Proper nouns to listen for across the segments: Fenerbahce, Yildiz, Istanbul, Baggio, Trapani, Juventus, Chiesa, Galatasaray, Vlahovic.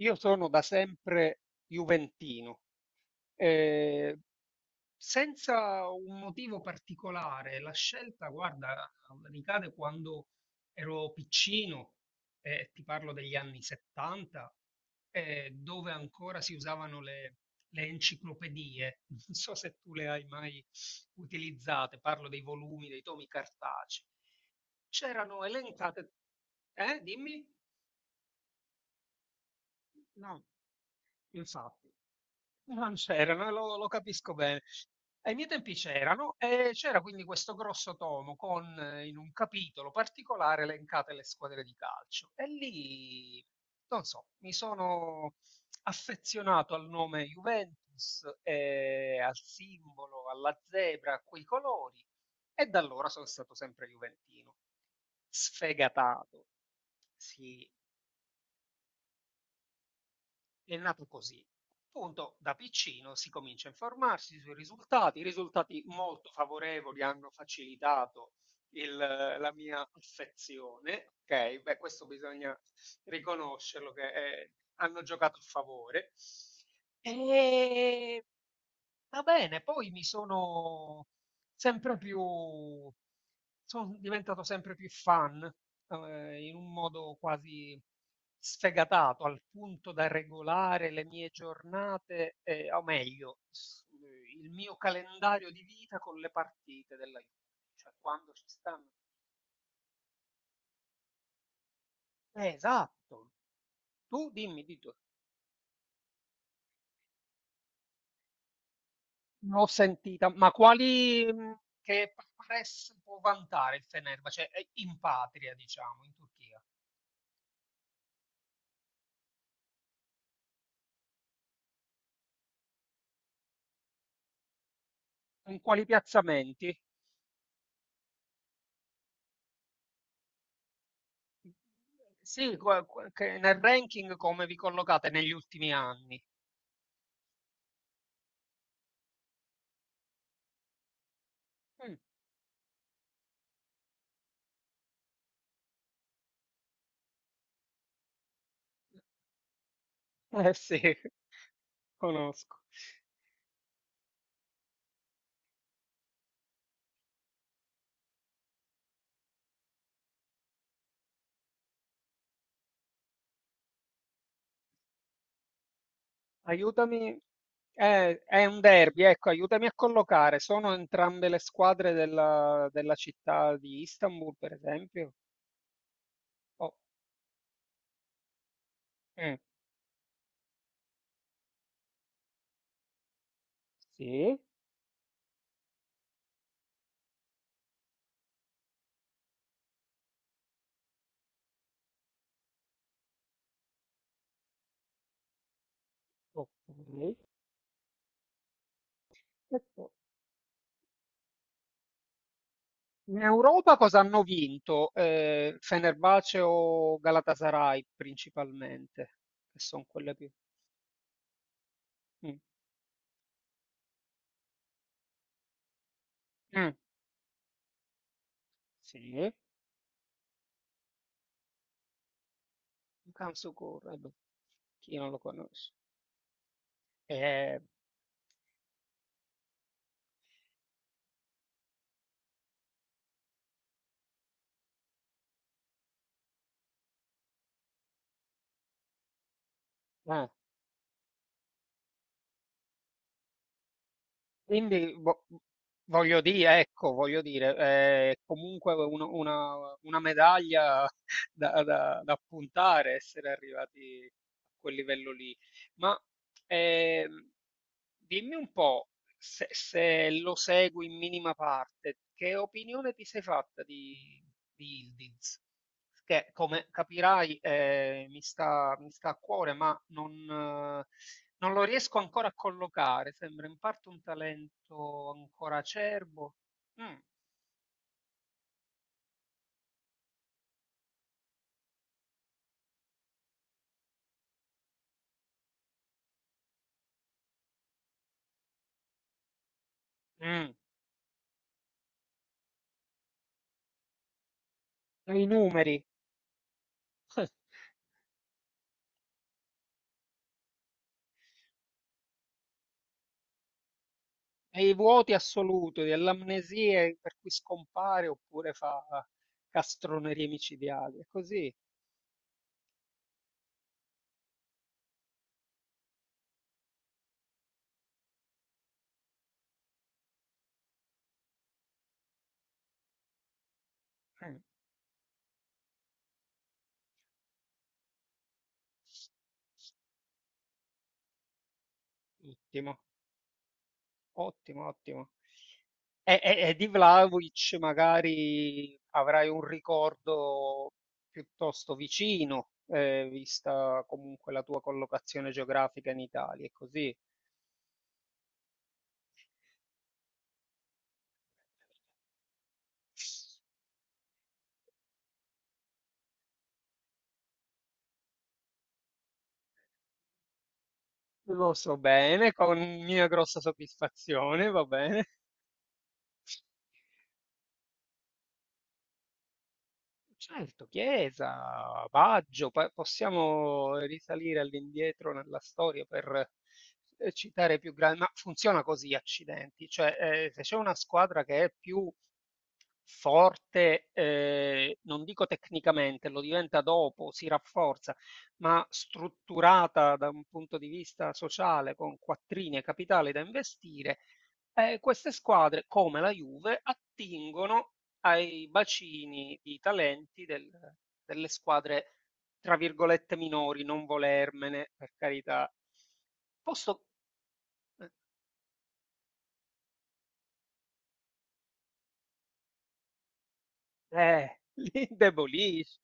Io sono da sempre juventino, eh, senza un motivo particolare. La scelta, guarda, ricade quando ero piccino, ti parlo degli anni 70, dove ancora si usavano le enciclopedie. Non so se tu le hai mai utilizzate, parlo dei volumi, dei tomi cartacei. C'erano elencate. Dimmi? No, infatti. No, non c'erano, lo capisco bene. Ai miei tempi c'erano e c'era quindi questo grosso tomo con in un capitolo particolare elencate le squadre di calcio e lì, non so, mi sono affezionato al nome Juventus, e al simbolo, alla zebra, a quei colori e da allora sono stato sempre juventino. Sfegatato. Sì, è nato così. Appunto da piccino si comincia a informarsi sui risultati, risultati molto favorevoli hanno facilitato il la mia affezione, okay, beh questo bisogna riconoscerlo che, hanno giocato a favore. Ehm Va bene, poi mi sono sempre più, sono diventato sempre più fan, in un modo quasi sfegatato, al punto da regolare le mie giornate, o meglio, il mio calendario di vita con le partite della Juve, cioè quando ci stanno. Esatto, tu dimmi di tu. L'ho sentita, ma quali che press può vantare il Fenerbahce in patria, diciamo, in Turchia? Con quali piazzamenti? Sì, che nel ranking come vi collocate negli ultimi anni? Mm. Eh sì, conosco. Aiutami, è un derby, ecco, aiutami a collocare. Sono entrambe le squadre della città di Istanbul, per esempio? Oh, mm, sì, ok. E poi- In Europa cosa hanno vinto? Fenerbahce o Galatasaray principalmente, che sono quelle più. Mm. Mm. Sì, un Camso Corre, chi non lo conosce? Eh, eh. Quindi voglio dire, ecco, voglio dire, è comunque una medaglia da, da puntare, essere arrivati a quel livello lì. Ma ehm, dimmi un po', se lo segui in minima parte, che opinione ti sei fatta di Yildiz? Che, come capirai, mi sta a cuore, ma non. Non lo riesco ancora a collocare, sembra in parte un talento ancora acerbo. Mm, mm. Ai numeri, ai vuoti assoluti, alle amnesie per cui scompare oppure fa castronerie micidiali. È così. Mm, ottimo, ottimo, ottimo. E di Vlahovic magari avrai un ricordo piuttosto vicino, vista comunque la tua collocazione geografica in Italia, è così. Lo so bene, con mia grossa soddisfazione, va bene. Certo, Chiesa, Baggio, possiamo risalire all'indietro nella storia per citare più grandi, ma funziona così, accidenti, cioè se c'è una squadra che è più forte, non dico tecnicamente, lo diventa dopo, si rafforza, ma strutturata da un punto di vista sociale con quattrini e capitale da investire, queste squadre, come la Juve, attingono ai bacini di talenti delle squadre, tra virgolette, "minori", non volermene, per carità. Posto eh, li indebolisce.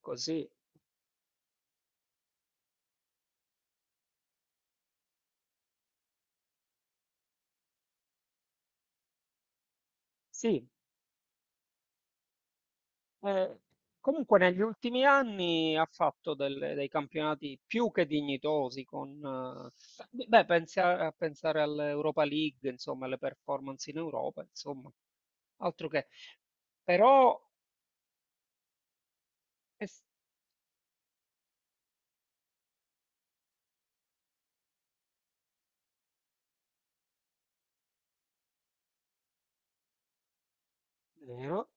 Così. Sì, Eh, comunque negli ultimi anni ha fatto dei campionati più che dignitosi con, beh, pensi a, a pensare all'Europa League, insomma, alle performance in Europa, insomma, altro che. Però è vero,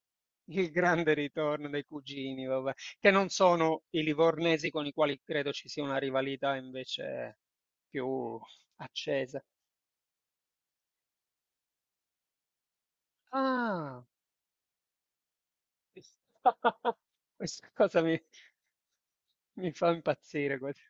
il grande ritorno dei cugini, vabbè, che non sono i livornesi con i quali credo ci sia una rivalità invece più accesa. Ah! Questa cosa mi fa impazzire quasi.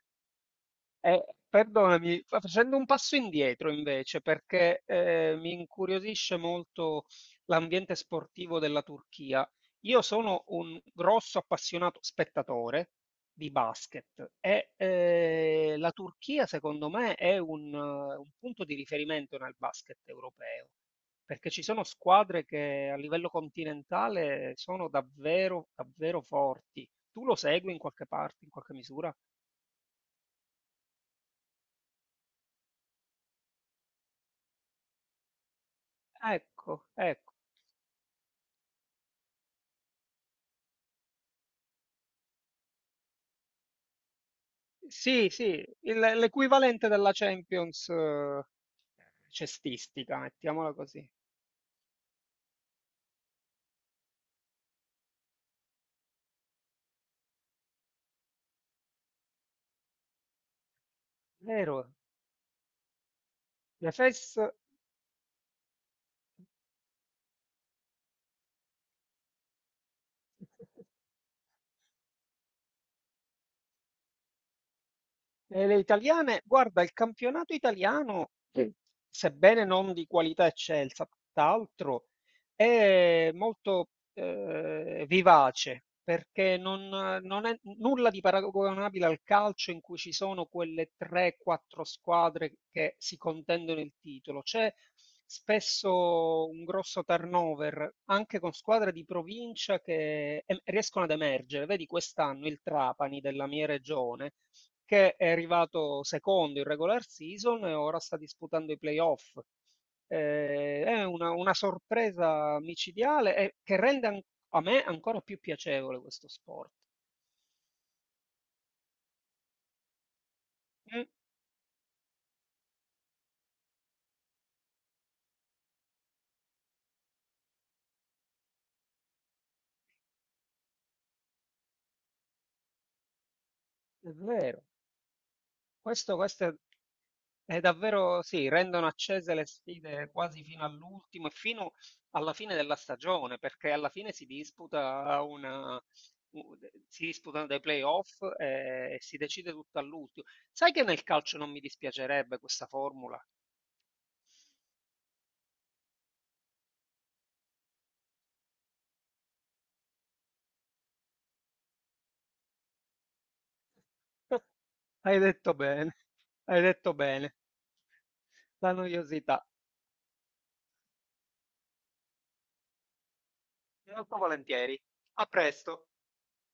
Perdonami, facendo un passo indietro invece, perché mi incuriosisce molto l'ambiente sportivo della Turchia. Io sono un grosso appassionato spettatore di basket e la Turchia, secondo me, è un punto di riferimento nel basket europeo, perché ci sono squadre che a livello continentale sono davvero, davvero forti. Tu lo segui in qualche parte, in qualche misura? Ecco, ecco. Sì, sì, l'equivalente della Champions cestistica, mettiamola così. Vero, l'Efes. E le italiane, guarda, il campionato italiano, sì, sebbene non di qualità eccelsa, tutt'altro, è molto vivace perché non è nulla di paragonabile al calcio in cui ci sono quelle 3-4 squadre che si contendono il titolo. C'è spesso un grosso turnover anche con squadre di provincia che riescono ad emergere. Vedi quest'anno il Trapani della mia regione che è arrivato secondo in regular season e ora sta disputando i playoff. È una sorpresa micidiale e che rende a me ancora più piacevole questo sport. Mm, è vero, questo è. È davvero sì, rendono accese le sfide quasi fino all'ultimo e fino alla fine della stagione, perché alla fine u- si disputano dei playoff e, si decide tutto all'ultimo. Sai che nel calcio non mi dispiacerebbe questa formula? Hai detto bene, hai detto bene, la noiosità. Molto volentieri. A presto.